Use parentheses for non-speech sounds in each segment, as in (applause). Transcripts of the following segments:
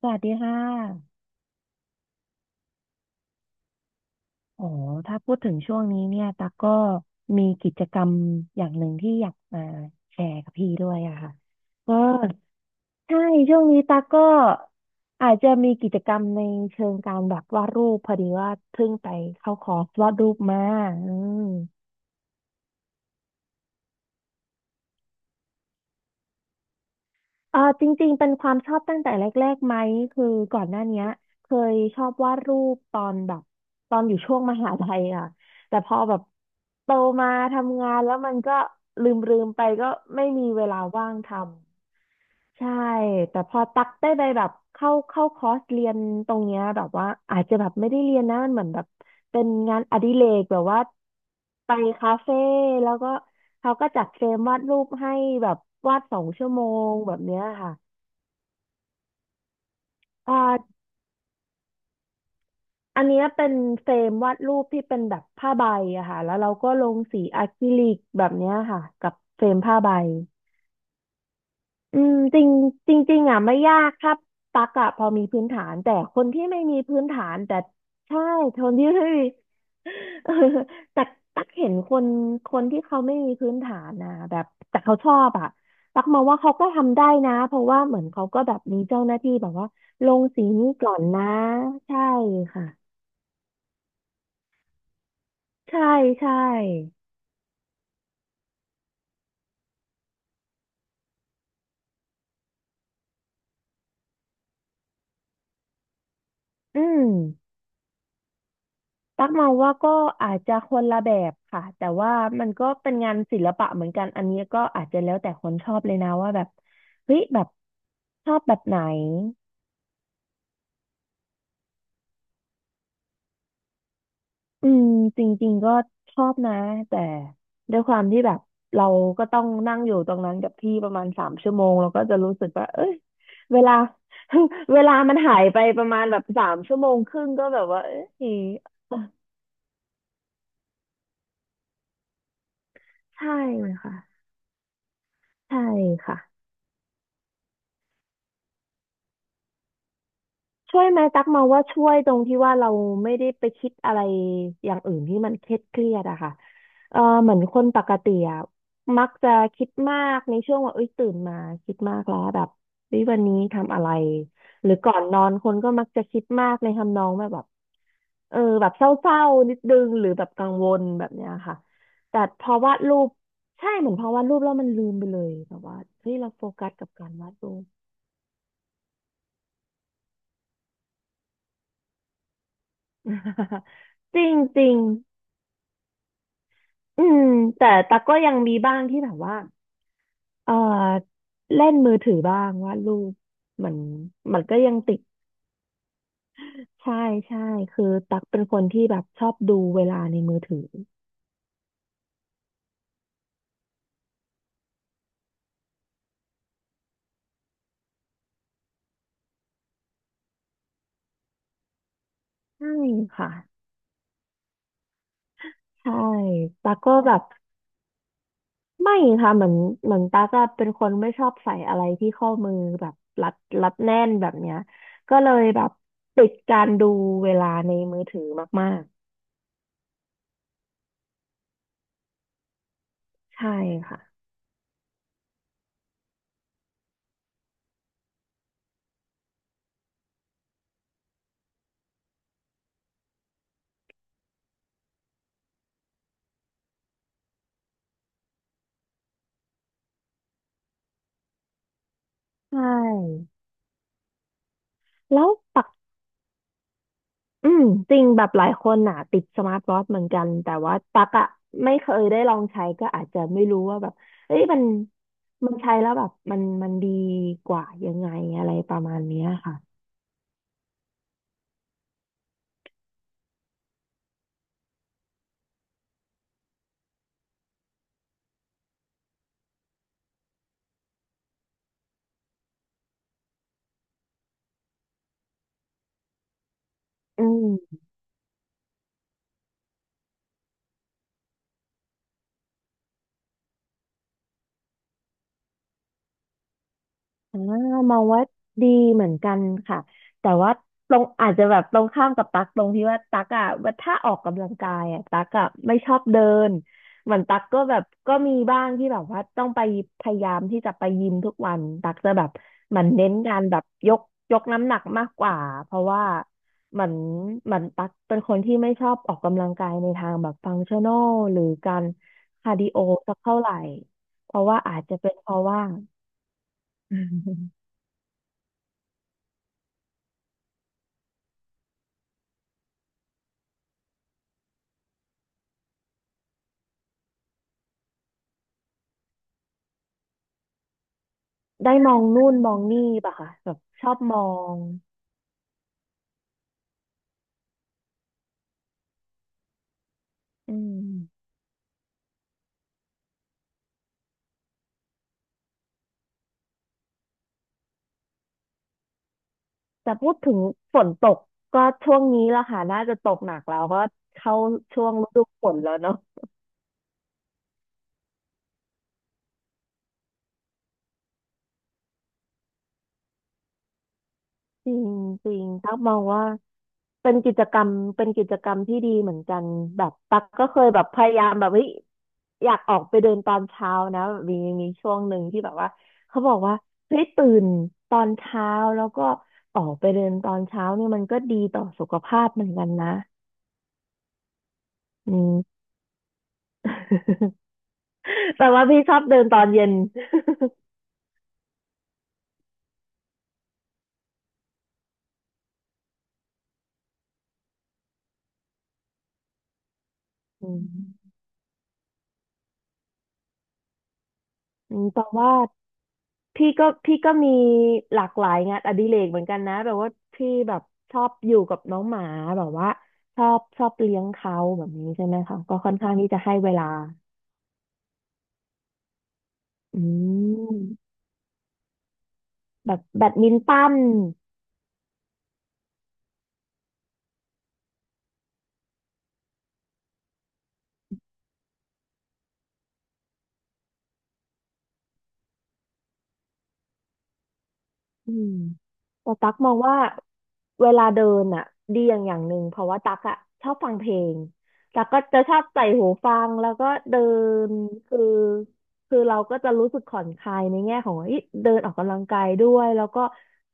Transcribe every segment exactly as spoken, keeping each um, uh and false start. สวัสดีค่ะอ๋อถ้าพูดถึงช่วงนี้เนี่ย ตาก็มีกิจกรรมอย่างหนึ่งที่อยากมาแชร์กับพี่ด้วยอะค่ะก็ใช่ ช่วงนี้ตากก็อาจจะมีกิจกรรมในเชิงการแบบวาดรูปพอดีว่าเพิ่งไปเข้าคอร์สวาดรูปมาอืม เออจริงๆเป็นความชอบตั้งแต่แรกๆไหมคือก่อนหน้าเนี้ยเคยชอบวาดรูปตอนแบบตอนอยู่ช่วงมหาลัยอ่ะแต่พอแบบโตมาทำงานแล้วมันก็ลืมๆไปก็ไม่มีเวลาว่างทำใช่แต่พอตักได้ไปแบบเข้าเข้าคอร์สเรียนตรงเนี้ยแบบว่าอาจจะแบบไม่ได้เรียนนะมันเหมือนแบบเป็นงานอดิเรกแบบว่าไปคาเฟ่แล้วก็เขาก็จัดเฟรมวาดรูปให้แบบวาดสองชั่วโมงแบบเนี้ยค่ะ อ่าอันเนี้ยเป็นเฟรมวาดรูปที่เป็นแบบผ้าใบอะค่ะแล้วเราก็ลงสีอะคริลิกแบบเนี้ยค่ะกับเฟรมผ้าใบอืมจริงจริงๆอ่ะไม่ยากครับตักอะพอมีพื้นฐานแต่คนที่ไม่มีพื้นฐานแต่ใช่คนที่ไม่มี (laughs) เออแต่ตักเห็นคนคนที่เขาไม่มีพื้นฐานนะแบบแต่เขาชอบอะตักมองว่าเขาก็ทำได้นะเพราะว่าเหมือนเขาก็แบบมีเจ้าหน้าที่แบบว่าลงสีนี้ก่อนนะใช่ค่ะ ใช่ใช่อืมตักมองว่าก็อาจจะคนละแบบค่ะ แต่ว่ามันก็เป็นงานศิลปะเหมือนกัน อันนี้ก็อาจจะแล้วแต่คนชอบเลยนะว่าแบบเฮ้ยแบบชอบแบบไหนอืมจริงๆก็ชอบนะแต่ด้วยความที่แบบเราก็ต้องนั่งอยู่ตรงนั้นกับที่ประมาณสามชั่วโมงเราก็จะรู้สึกว่าเอ้ยเวลา (laughs) เวลามันหายไปประมาณแบบสามชั่วโมงครึ่งก็แบบว่าเอ้ยใช่ค่ะใช่ค่ะ ช่วยไหมตักมองว่าช่วยตรงที่ว่าเราไม่ได้ไปคิดอะไรอย่างอื่นที่มันเครียดเครียดอะค่ะเออเหมือนคนปกติอะมักจะคิดมากในช่วงว่าเอ้ยตื่นมาคิดมากแล้วแบบเฮ้ยวันนี้ทำอะไรหรือก่อนนอนคนก็มักจะคิดมากในทำนองแบบแบบเออแบบเศร้าๆนิดนึงหรือแบบกังวลแบบเนี้ยค่ะแต่พอวาดรูปใช่เหมือนพอวาดรูปแล้วมันลืมไปเลยแบบว่าเฮ้ยเราโฟกัสกับการวาดรูป (laughs) จริงจริง อืมแต่ตักก็ยังมีบ้างที่แบบว่าเออเล่นมือถือบ้างวาดรูปมันมันก็ยังติดใช่ใช่คือตักเป็นคนที่แบบชอบดูเวลาในมือถือใช่ค่ะใช่ตักก็แบบไม่ค่ะเหมือนเหมือนตักอะเป็นคนไม่ชอบใส่อะไรที่ข้อมือแบบรัดรัดแน่นแบบเนี้ยก็เลยแบบติดการดูเวลาในมือถือมากๆใช่ค่ะใช่แล้วป อืมจริงแบบหลายคนน่ะติดสมาร์ทวอทช์เหมือนกันแต่ว่าตักอะไม่เคยได้ลองใช้ก็อาจจะไม่รู้ว่าแบบเอ้ยมันมันใช้แล้วแบบมันมันดีกว่ายังไงอะไรประมาณเนี้ยค่ะอืม อ่ามองว่าดีเหมือนกันค่ะแต่ว่าตรงอาจจะแบบตรงข้ามกับตั๊กตรงที่ว่าตั๊กอ่ะว่าถ้าออกกำลังกายอ่ะตั๊กอ่ะไม่ชอบเดินเหมือนตั๊กก็แบบก็มีบ้างที่แบบว่าต้องไปพยายามที่จะไปยิมทุกวันตั๊กจะแบบเหมือนเน้นการแบบยกยกน้ำหนักมากกว่าเพราะว่าเหมือนเหมือนตั๊กเป็นคนที่ไม่ชอบออกกำลังกายในทางแบบฟังชั่นอลหรือการคาร์ดิโอสักเท่าไหร่เพราะว่าอาจจะเป็นเพราะว่า (laughs) ได้มองนู่นมองนี่ป่ะคะแบบชอบมองอืมแต่พูดถึงฝนตกก็ช่วงนี้ละค่ะน่าจะตกหนักแล้วก็เข้าช่วงฤดูฝนแล้วเนาะจริงจริงตั๊กมองว่าเป็นกิจกรรมเป็นกิจกรรมที่ดีเหมือนกันแบบตั๊กก็เคยแบบพยายามแบบเฮ้ยอยากออกไปเดินตอนเช้านะแบบมีมีช่วงหนึ่งที่แบบว่าเขาบอกว่าเฮ้ยตื่นตอนเช้าแล้วก็ออกไปเดินตอนเช้าเนี่ยมันก็ดีต่อสุขภาพเหมือนกันนะอืม (laughs) แต่ว่าพี่ชอบเดินตอนเย็น (laughs) อืมอืมแต่ว่าพี่ก็พี่ก็มีหลากหลายงานอดิเรกเหมือนกันนะแบบว่าพี่แบบชอบอยู่กับน้องหมาแบบว่าชอบชอบเลี้ยงเขาแบบนี้ใช่ไหมคะก็ค่อนข้างที่จะให้เวลาอืมแบบแบดมินตัน อืมแต่ตั๊กมองว่าเวลาเดินอ่ะดีอย่างอย่างหนึ่งเพราะว่าตั๊กอ่ะชอบฟังเพลงตั๊กก็จะชอบใส่หูฟังแล้วก็เดินคือคือเราก็จะรู้สึกผ่อนคลายในแง่ของเฮ้ยเดินออกกำลังกายด้วยแล้วก็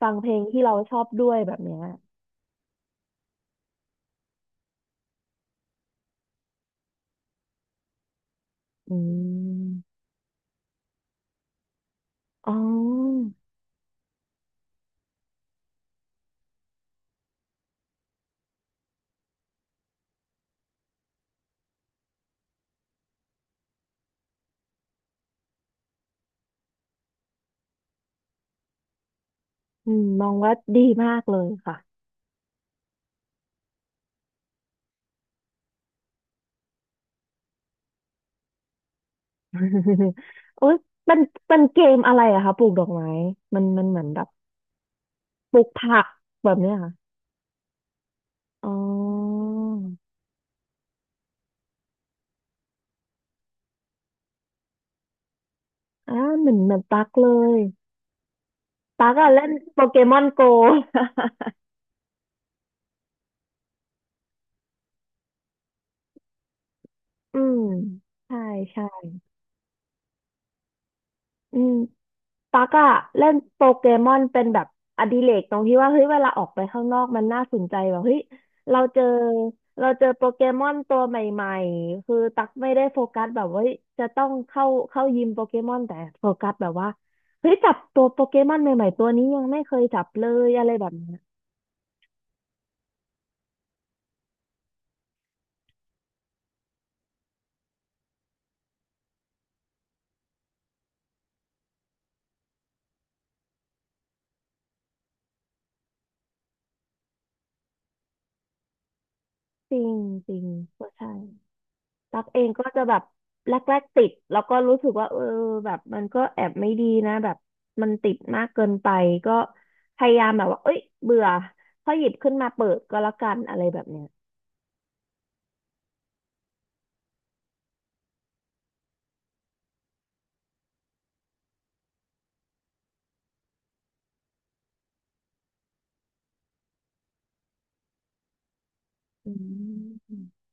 ฟังเพลงที่เราชอบด้วยแบบเนี้ยอืมอ๋ออืมมองว่าดีมากเลยค่ะ (laughs) โอ๊ยมันมันเกมอะไรอะคะปลูกดอกไม้มันมันเหมือนแบบปลูกผักแบบเนี้ย อ๋ออ่าเหมือนเหมือนตั๊กเลย ตั๊กอะเล่นโปเกมอนโก (laughs) อืมใช่ใช่อืมตั๊กอะเล่นโปเกมอนเป็นแบบอดิเรกตรงที่ว่าเฮ้ยเวลาออกไปข้างนอกมันน่าสนใจแบบเฮ้ยเราเจอเราเจอโปเกมอนตัวใหม่ๆคือตั๊กไม่ได้โฟกัสแบบว่าเฮ้ยจะต้องเข้าเข้ายิมโปเกมอนแต่โฟกัสแบบว่าเฮ้ยจับตัวโปเกมอนใหม่ๆตัวนี้ยังไม่เคยจับเลยอะไรแบบเนี้ยจริงจริงก็ใช่ ตักเองก็จะแบบแรกๆติดแล้วก็รู้สึกว่าเออแบบมันก็แอบไม่ดีนะแบบมันติดมากเกินไปก็พยายามแบบว่าเอ้ยเบื่อค่อยหยิบขึ้นมาเปิดก็แล้วกันอะไรแบบเนี้ยอืม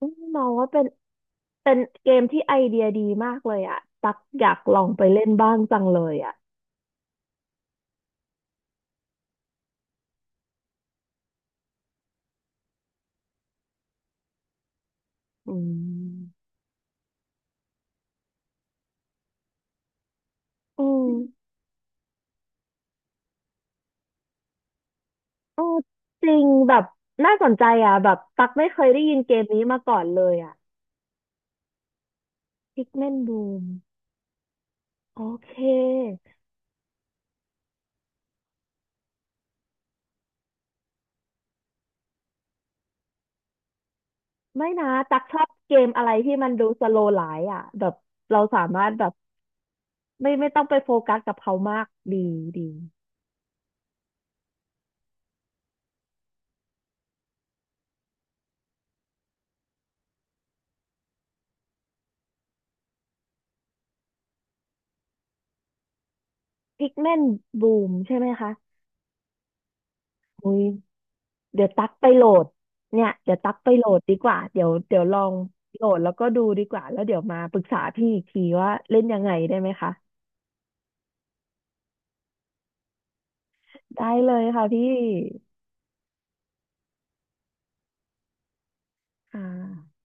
อืมมองว่าเป็นเป็นเกมที่ไอเดียดีมากเลยอ่ะตักอยากลองไปเล่นบ้างจังเลยอ่ะอืมอืมโอ้จริงแบบน่าสนใจอ่ะแบบตักไม่เคยได้ยินเกมนี้มาก่อนเลยอ่ะ พิกมินบูม โอเค ไม่นะตักชอบเกมอะไรที่มันดูสโลว์ไลฟ์อ่ะแบบเราสามารถแบบไม่ไม่ต้องไปโฟกัสกับเขามากดีดีพิกเมนบูมใช่ไหมคะอุ้ยเดี๋ยวตักไปโหลดเนี่ยเดี๋ยวตักไปโหลดดีกว่าเดี๋ยวเดี๋ยวลองโหลดแล้วก็ดูดีกว่าแล้วเดี๋ยวมาปรึกษาพี่อีกทีว่าเล่นยังไงได้ไหมคะได้เลยค่ะพี่ค่ะ